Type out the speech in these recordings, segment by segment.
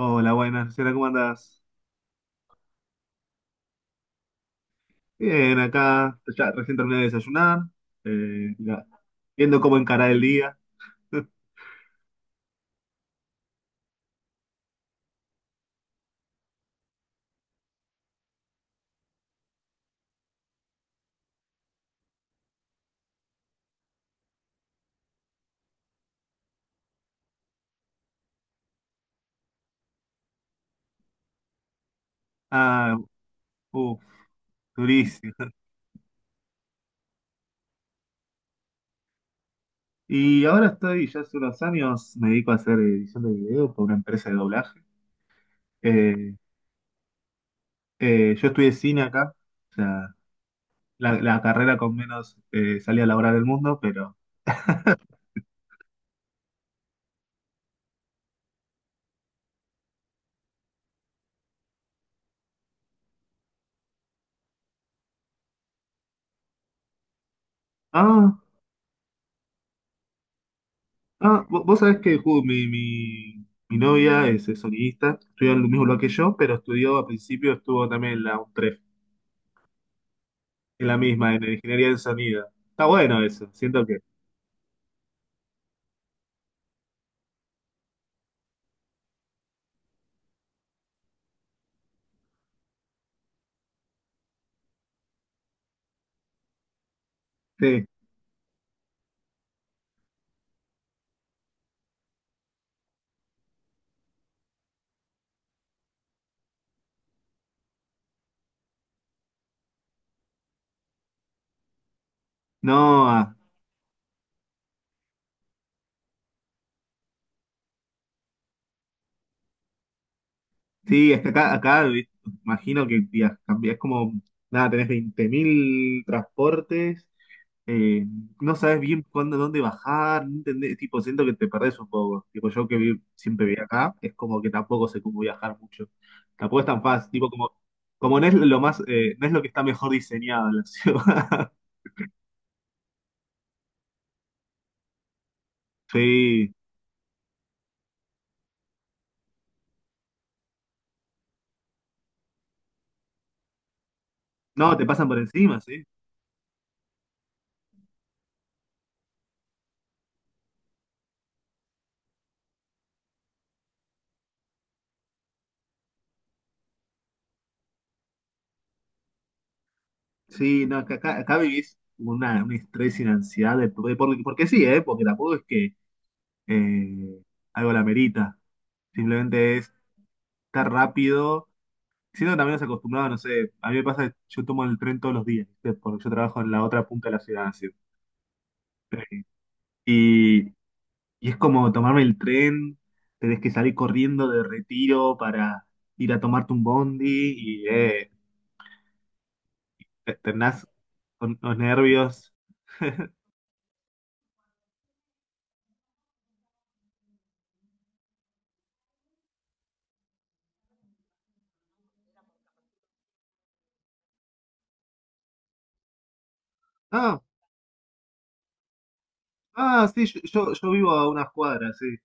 Hola, buenas, Luciana, ¿cómo andás? Bien, acá, ya recién terminé de desayunar, ya, viendo cómo encarar el día. Ah, uff, durísimo. Y ahora estoy, ya hace unos años, me dedico a hacer edición de video para una empresa de doblaje. Eh, yo estudié cine acá, o sea, la carrera con menos salida laboral del mundo, pero... Ah, ah, vos sabés que ju, mi novia es sonidista, estudió en el mismo lugar que yo, pero estudió, al principio estuvo también en la UNTREF. Es la misma, en ingeniería del sonido. Está bueno eso, siento que. Sí. No, ah, sí, es que acá, imagino que es como, nada, tenés 20.000 transportes, eh, no sabes bien cuándo, dónde bajar, no entendés, tipo, siento que te perdés un poco. Tipo, yo que siempre viví acá, es como que tampoco sé cómo viajar mucho. Tampoco es tan fácil, tipo, como, como no es lo más, no es lo que está mejor diseñado en la ciudad. Sí. No, te pasan por encima, sí. Sí, no, acá vivís un estrés y una ansiedad, porque, porque sí, ¿eh? Porque tampoco es que eh, algo la merita, simplemente es estar rápido, siendo que también nos acostumbrados, no sé, a mí me pasa que yo tomo el tren todos los días, ¿viste? Porque yo trabajo en la otra punta de la ciudad, así. Eh, Y, y es como tomarme el tren, tenés que salir corriendo de Retiro para ir a tomarte un bondi y terminás con los nervios. No, ah, sí, yo vivo a unas cuadras, sí.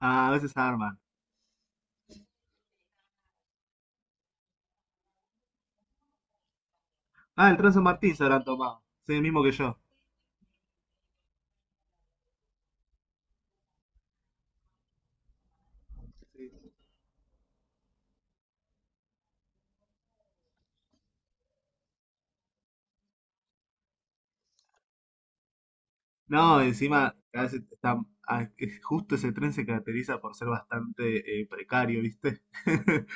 Ah, a veces arman. Ah, el tren San Martín se habrán tomado. Sí, el mismo que yo. No, encima, ah, justo ese tren se caracteriza por ser bastante precario, ¿viste?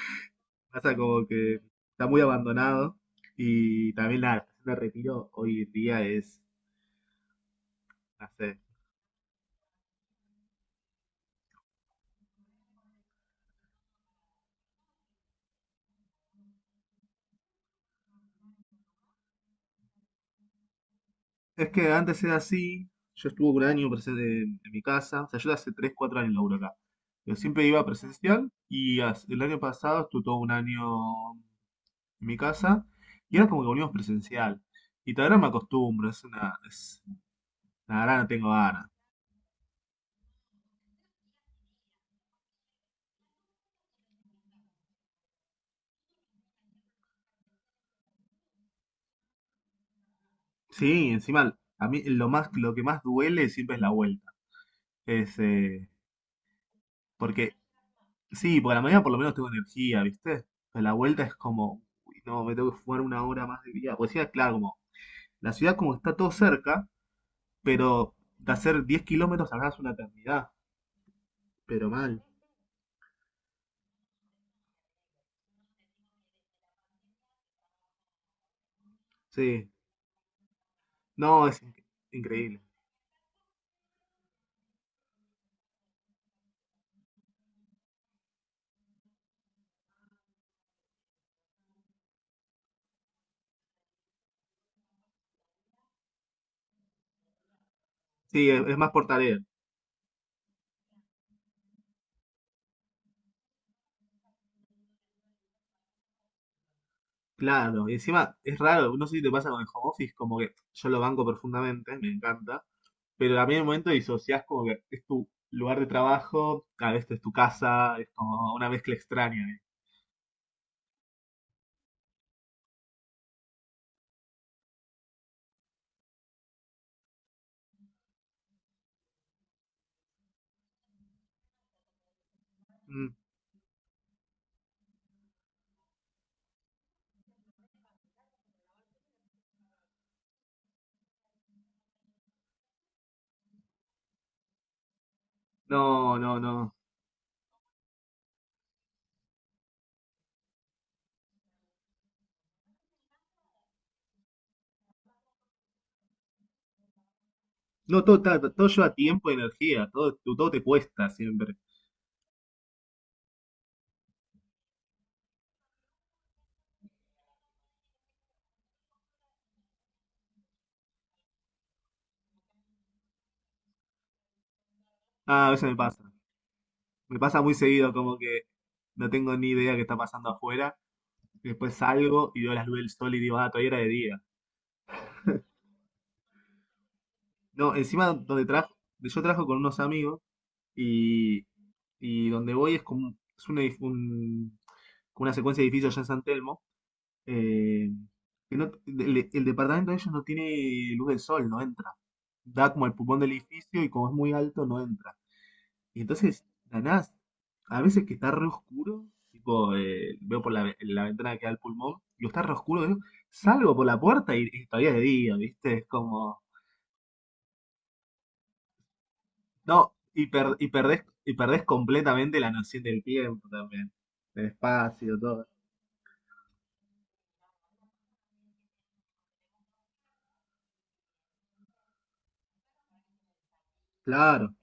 Pasa como que está muy abandonado y también la estación de Retiro hoy en día es, no sé. Es que antes era así, yo estuve un año presente en mi casa, o sea, yo hace 3, 4 años laburo acá. Yo siempre iba presencial y el año pasado estuve todo un año en mi casa y era como que volvimos presencial. Y todavía no me acostumbro, es una, es, la verdad no tengo ganas. Sí, encima a mí lo más, lo que más duele siempre es la vuelta. Es, porque, sí, porque a la mañana por lo menos tengo energía, ¿viste? Pero la vuelta es como, uy, no, me tengo que fumar una hora más de día. Pues sí, claro, como la ciudad como que está todo cerca, pero de hacer 10 kilómetros hagas una eternidad. Pero mal. Sí. No, increíble. Sí, es más por tarea. Claro. Y encima es raro. No sé si te pasa con el home office, como que yo lo banco profundamente, me encanta. Pero también en un momento disociás como que es tu lugar de trabajo, a veces es tu casa, es como una mezcla extraña. ¿Eh? Mm, no, no, no. No, todo, todo lleva tiempo y energía, todo, todo te cuesta siempre. Ah, a veces me pasa. Me pasa muy seguido, como que no tengo ni idea qué está pasando afuera. Después salgo y veo las luces del sol y digo, ah, todavía era de día. No, encima donde trajo, yo trabajo con unos amigos y, y donde voy es como es como una secuencia de edificios allá en San Telmo. eh, que el departamento de ellos no tiene luz del sol, no entra. Da como el pulmón del edificio y como es muy alto, no entra. Y entonces, la a veces que está re oscuro, tipo, veo por la, la ventana que da al pulmón, y está re oscuro, digo, salgo por la puerta y todavía es de día, ¿viste? Es como, no, perdés, y perdés completamente la noción del tiempo también, del espacio, todo. Claro,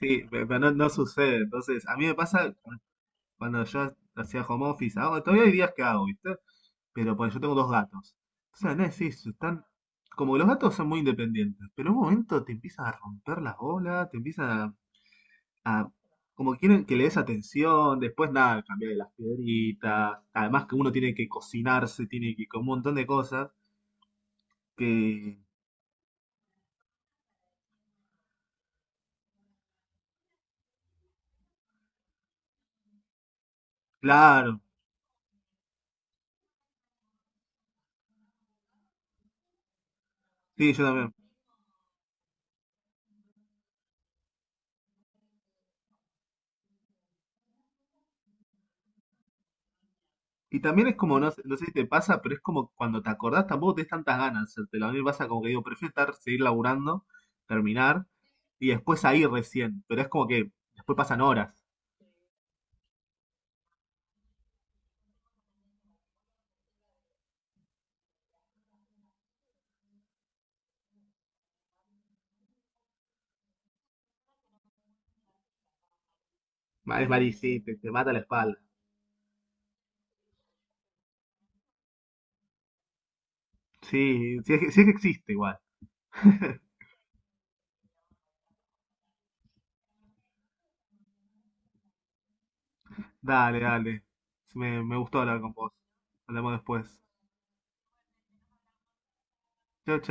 sí, pero no, no sucede. Entonces, a mí me pasa cuando yo hacía home office, todavía hay días que hago, ¿viste? Pero por yo tengo dos gatos. Entonces, nada, sí, están. Como que los gatos son muy independientes, pero en un momento te empiezan a romper las bolas, te empiezan a. a- como quieren que le des atención, después nada, cambiar de las piedritas, además que uno tiene que cocinarse, tiene que con un montón de cosas, que claro, sí, yo también. Y también es como, no, no sé si te pasa, pero es como cuando te acordás tampoco tenés tantas ganas de hacértelo. A mí me pasa como que digo, prefiero estar, seguir laburando, terminar, y después ahí recién, pero es como que después pasan horas. Es varicita, te mata la espalda. Sí, sí es que existe igual. Dale, dale. Me gustó hablar con vos. Hablamos después. Chao, chao.